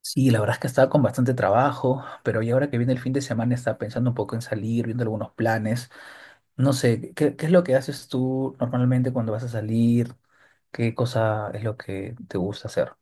Sí, la verdad es que estaba con bastante trabajo, pero ya ahora que viene el fin de semana estaba pensando un poco en salir, viendo algunos planes. No sé, ¿qué es lo que haces tú normalmente cuando vas a salir? ¿Qué cosa es lo que te gusta hacer?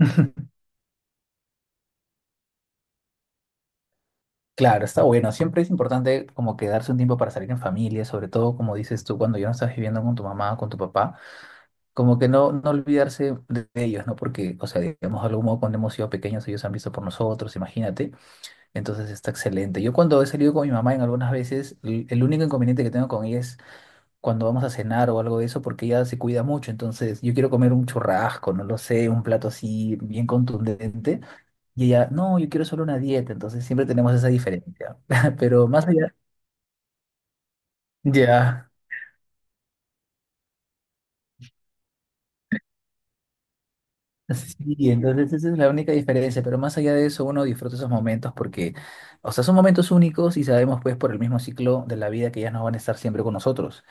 Claro, está bueno. Siempre es importante como que darse un tiempo para salir en familia, sobre todo como dices tú, cuando ya no estás viviendo con tu mamá o con tu papá, como que no olvidarse de ellos, ¿no? Porque, o sea, digamos, de algún modo cuando hemos sido pequeños ellos han visto por nosotros, imagínate. Entonces está excelente. Yo cuando he salido con mi mamá en algunas veces, el único inconveniente que tengo con ella es cuando vamos a cenar o algo de eso, porque ella se cuida mucho. Entonces yo quiero comer un churrasco, no lo sé, un plato así bien contundente. Y ella, no, yo quiero solo una dieta. Entonces siempre tenemos esa diferencia. Pero más allá, ya. Sí, entonces esa es la única diferencia. Pero más allá de eso, uno disfruta esos momentos porque, o sea, son momentos únicos y sabemos pues por el mismo ciclo de la vida que ellas no van a estar siempre con nosotros.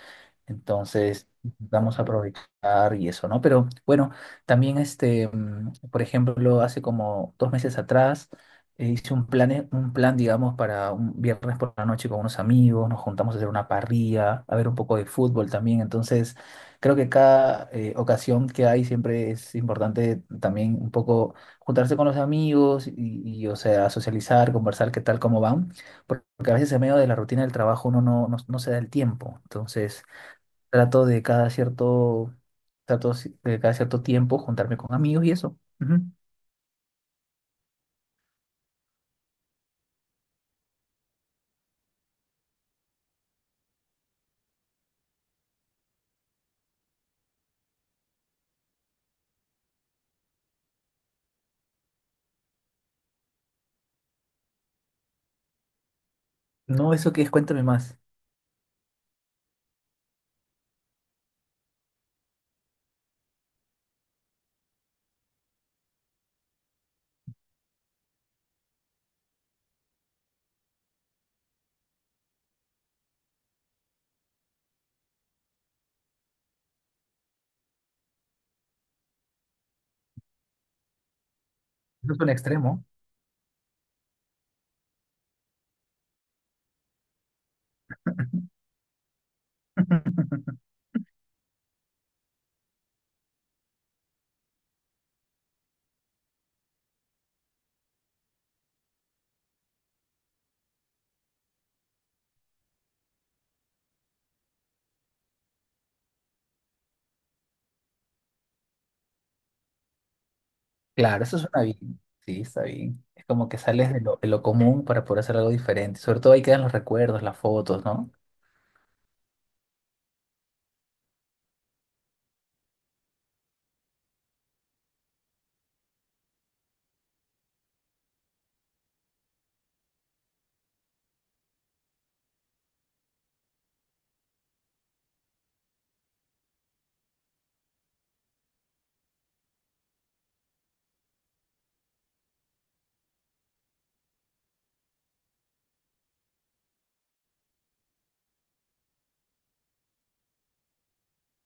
Entonces, vamos a aprovechar y eso, ¿no? Pero bueno, también este, por ejemplo, hace como dos meses atrás hice un plan, digamos, para un viernes por la noche con unos amigos, nos juntamos a hacer una parrilla, a ver un poco de fútbol también. Entonces, creo que cada ocasión que hay siempre es importante también un poco juntarse con los amigos y, o sea, socializar, conversar qué tal, cómo van, porque a veces en medio de la rutina del trabajo uno no, no se da el tiempo. Entonces... Trato de cada cierto, de cada cierto tiempo juntarme con amigos y eso. Ujú. No, eso que es, cuéntame más. Eso es un extremo. Claro, eso suena bien. Sí, está bien. Es como que sales de lo común para poder hacer algo diferente. Sobre todo ahí quedan los recuerdos, las fotos, ¿no?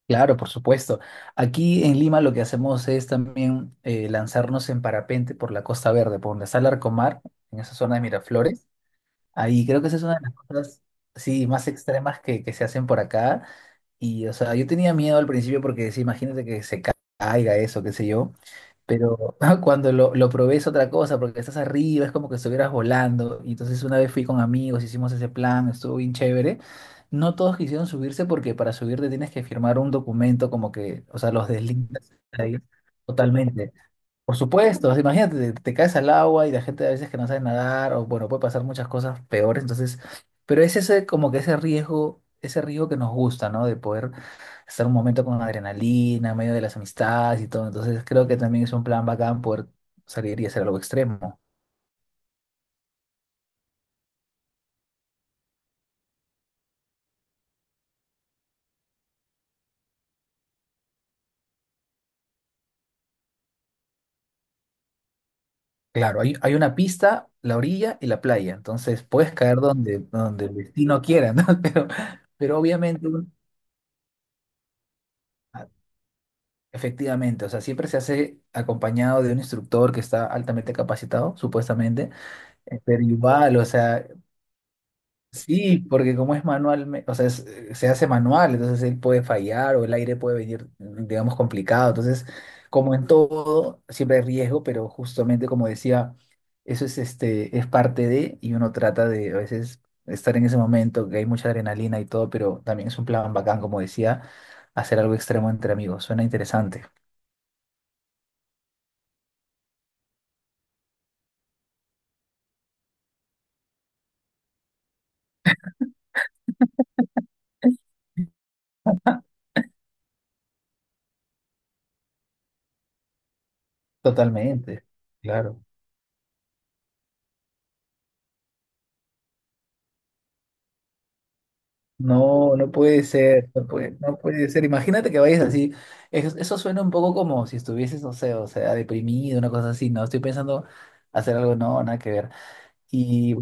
Claro, por supuesto. Aquí en Lima lo que hacemos es también lanzarnos en parapente por la Costa Verde, por donde está Larcomar, en esa zona de Miraflores. Ahí creo que esa es una de las cosas, sí, más extremas que se hacen por acá. Y, o sea, yo tenía miedo al principio porque, sí, imagínate que caiga eso, qué sé yo. Pero cuando lo probé es otra cosa, porque estás arriba, es como que estuvieras volando. Y entonces una vez fui con amigos, hicimos ese plan, estuvo bien chévere. No todos quisieron subirse porque para subirte tienes que firmar un documento como que, o sea, los deslindas ahí totalmente. Por supuesto, imagínate, te caes al agua y la gente a veces que no sabe nadar, o bueno, puede pasar muchas cosas peores, entonces, pero es ese como que ese riesgo que nos gusta, ¿no? De poder estar un momento con adrenalina, en medio de las amistades y todo, entonces creo que también es un plan bacán poder salir y hacer algo extremo. Claro, hay una pista, la orilla y la playa, entonces puedes caer donde, donde el destino quiera, ¿no? Pero obviamente... un- Efectivamente, o sea, siempre se hace acompañado de un instructor que está altamente capacitado, supuestamente, pero igual, o sea, sí, porque como es manual, o sea, se hace manual, entonces él puede fallar o el aire puede venir, digamos, complicado, entonces, como en todo, siempre hay riesgo, pero justamente como decía, eso es, este, es parte de, y uno trata de a veces estar en ese momento, que hay mucha adrenalina y todo, pero también es un plan bacán, como decía, hacer algo extremo entre amigos, suena interesante. Totalmente, claro. No, no puede ser, no puede, no puede ser. Imagínate que vayas así. Eso suena un poco como si estuvieses, no sé, o sea, deprimido, una cosa así. No, estoy pensando hacer algo, no, nada que ver. Y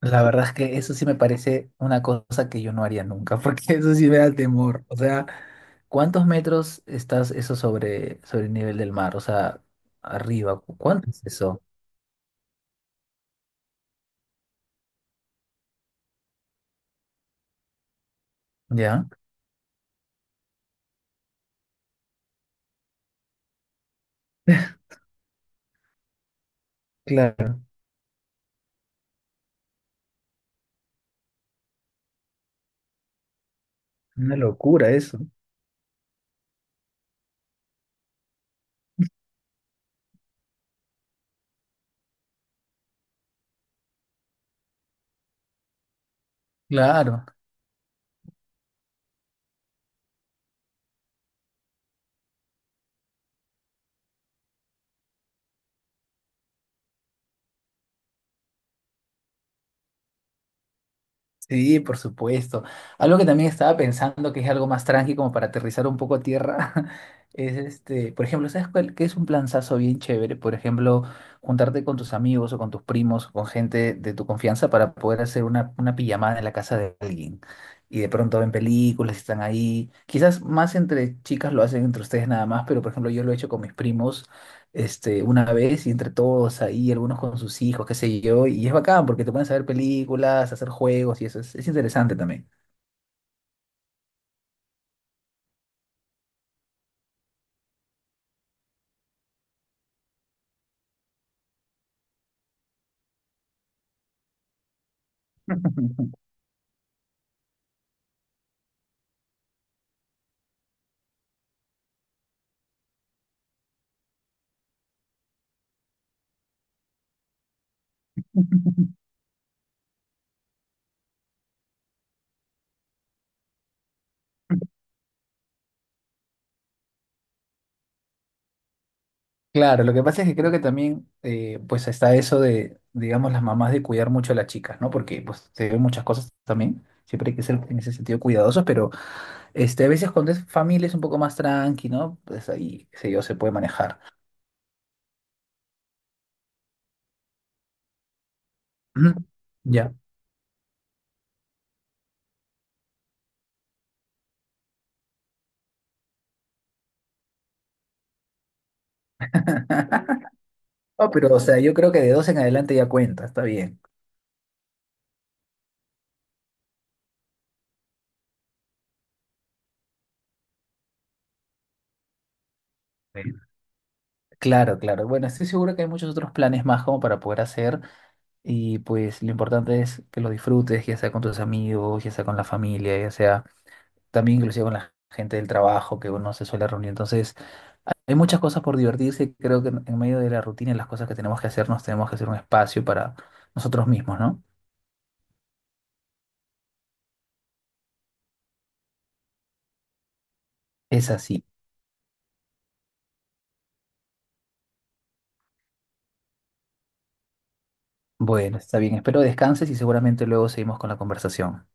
la verdad es que eso sí me parece una cosa que yo no haría nunca, porque eso sí me da temor. O sea, ¿cuántos metros estás eso sobre, sobre el nivel del mar? O sea, arriba, ¿cuánto es eso? ¿Ya? Claro, una locura eso. Claro. Sí, por supuesto. Algo que también estaba pensando que es algo más tranqui como para aterrizar un poco a tierra es este, por ejemplo, ¿sabes cuál, qué es un planzazo bien chévere? Por ejemplo, juntarte con tus amigos o con tus primos o con gente de tu confianza para poder hacer una pijamada en la casa de alguien. Y de pronto ven películas, están ahí. Quizás más entre chicas lo hacen entre ustedes nada más, pero por ejemplo yo lo he hecho con mis primos este, una vez y entre todos ahí, algunos con sus hijos, qué sé yo, y es bacán porque te pones a ver películas, a hacer juegos y eso es interesante también. Claro, lo que pasa es que creo que también pues está eso de, digamos, las mamás de cuidar mucho a las chicas, ¿no? Porque pues se ven muchas cosas también, siempre hay que ser en ese sentido cuidadosos, pero este, a veces cuando es familia es un poco más tranqui, ¿no? Pues ahí, qué sé yo, se puede manejar. Ujú, ya. No, pero o sea, yo creo que de dos en adelante ya cuenta, está bien. Claro, claro. Bueno, estoy seguro que hay muchos otros planes más como para poder hacer y pues lo importante es que lo disfrutes, ya sea con tus amigos, ya sea con la familia, ya sea también inclusive con la gente del trabajo que uno se suele reunir. Entonces, hay muchas cosas por divertirse. Creo que en medio de la rutina y las cosas que tenemos que hacer, nos tenemos que hacer un espacio para nosotros mismos, ¿no? Es así. Bueno, está bien. Espero descanses y seguramente luego seguimos con la conversación.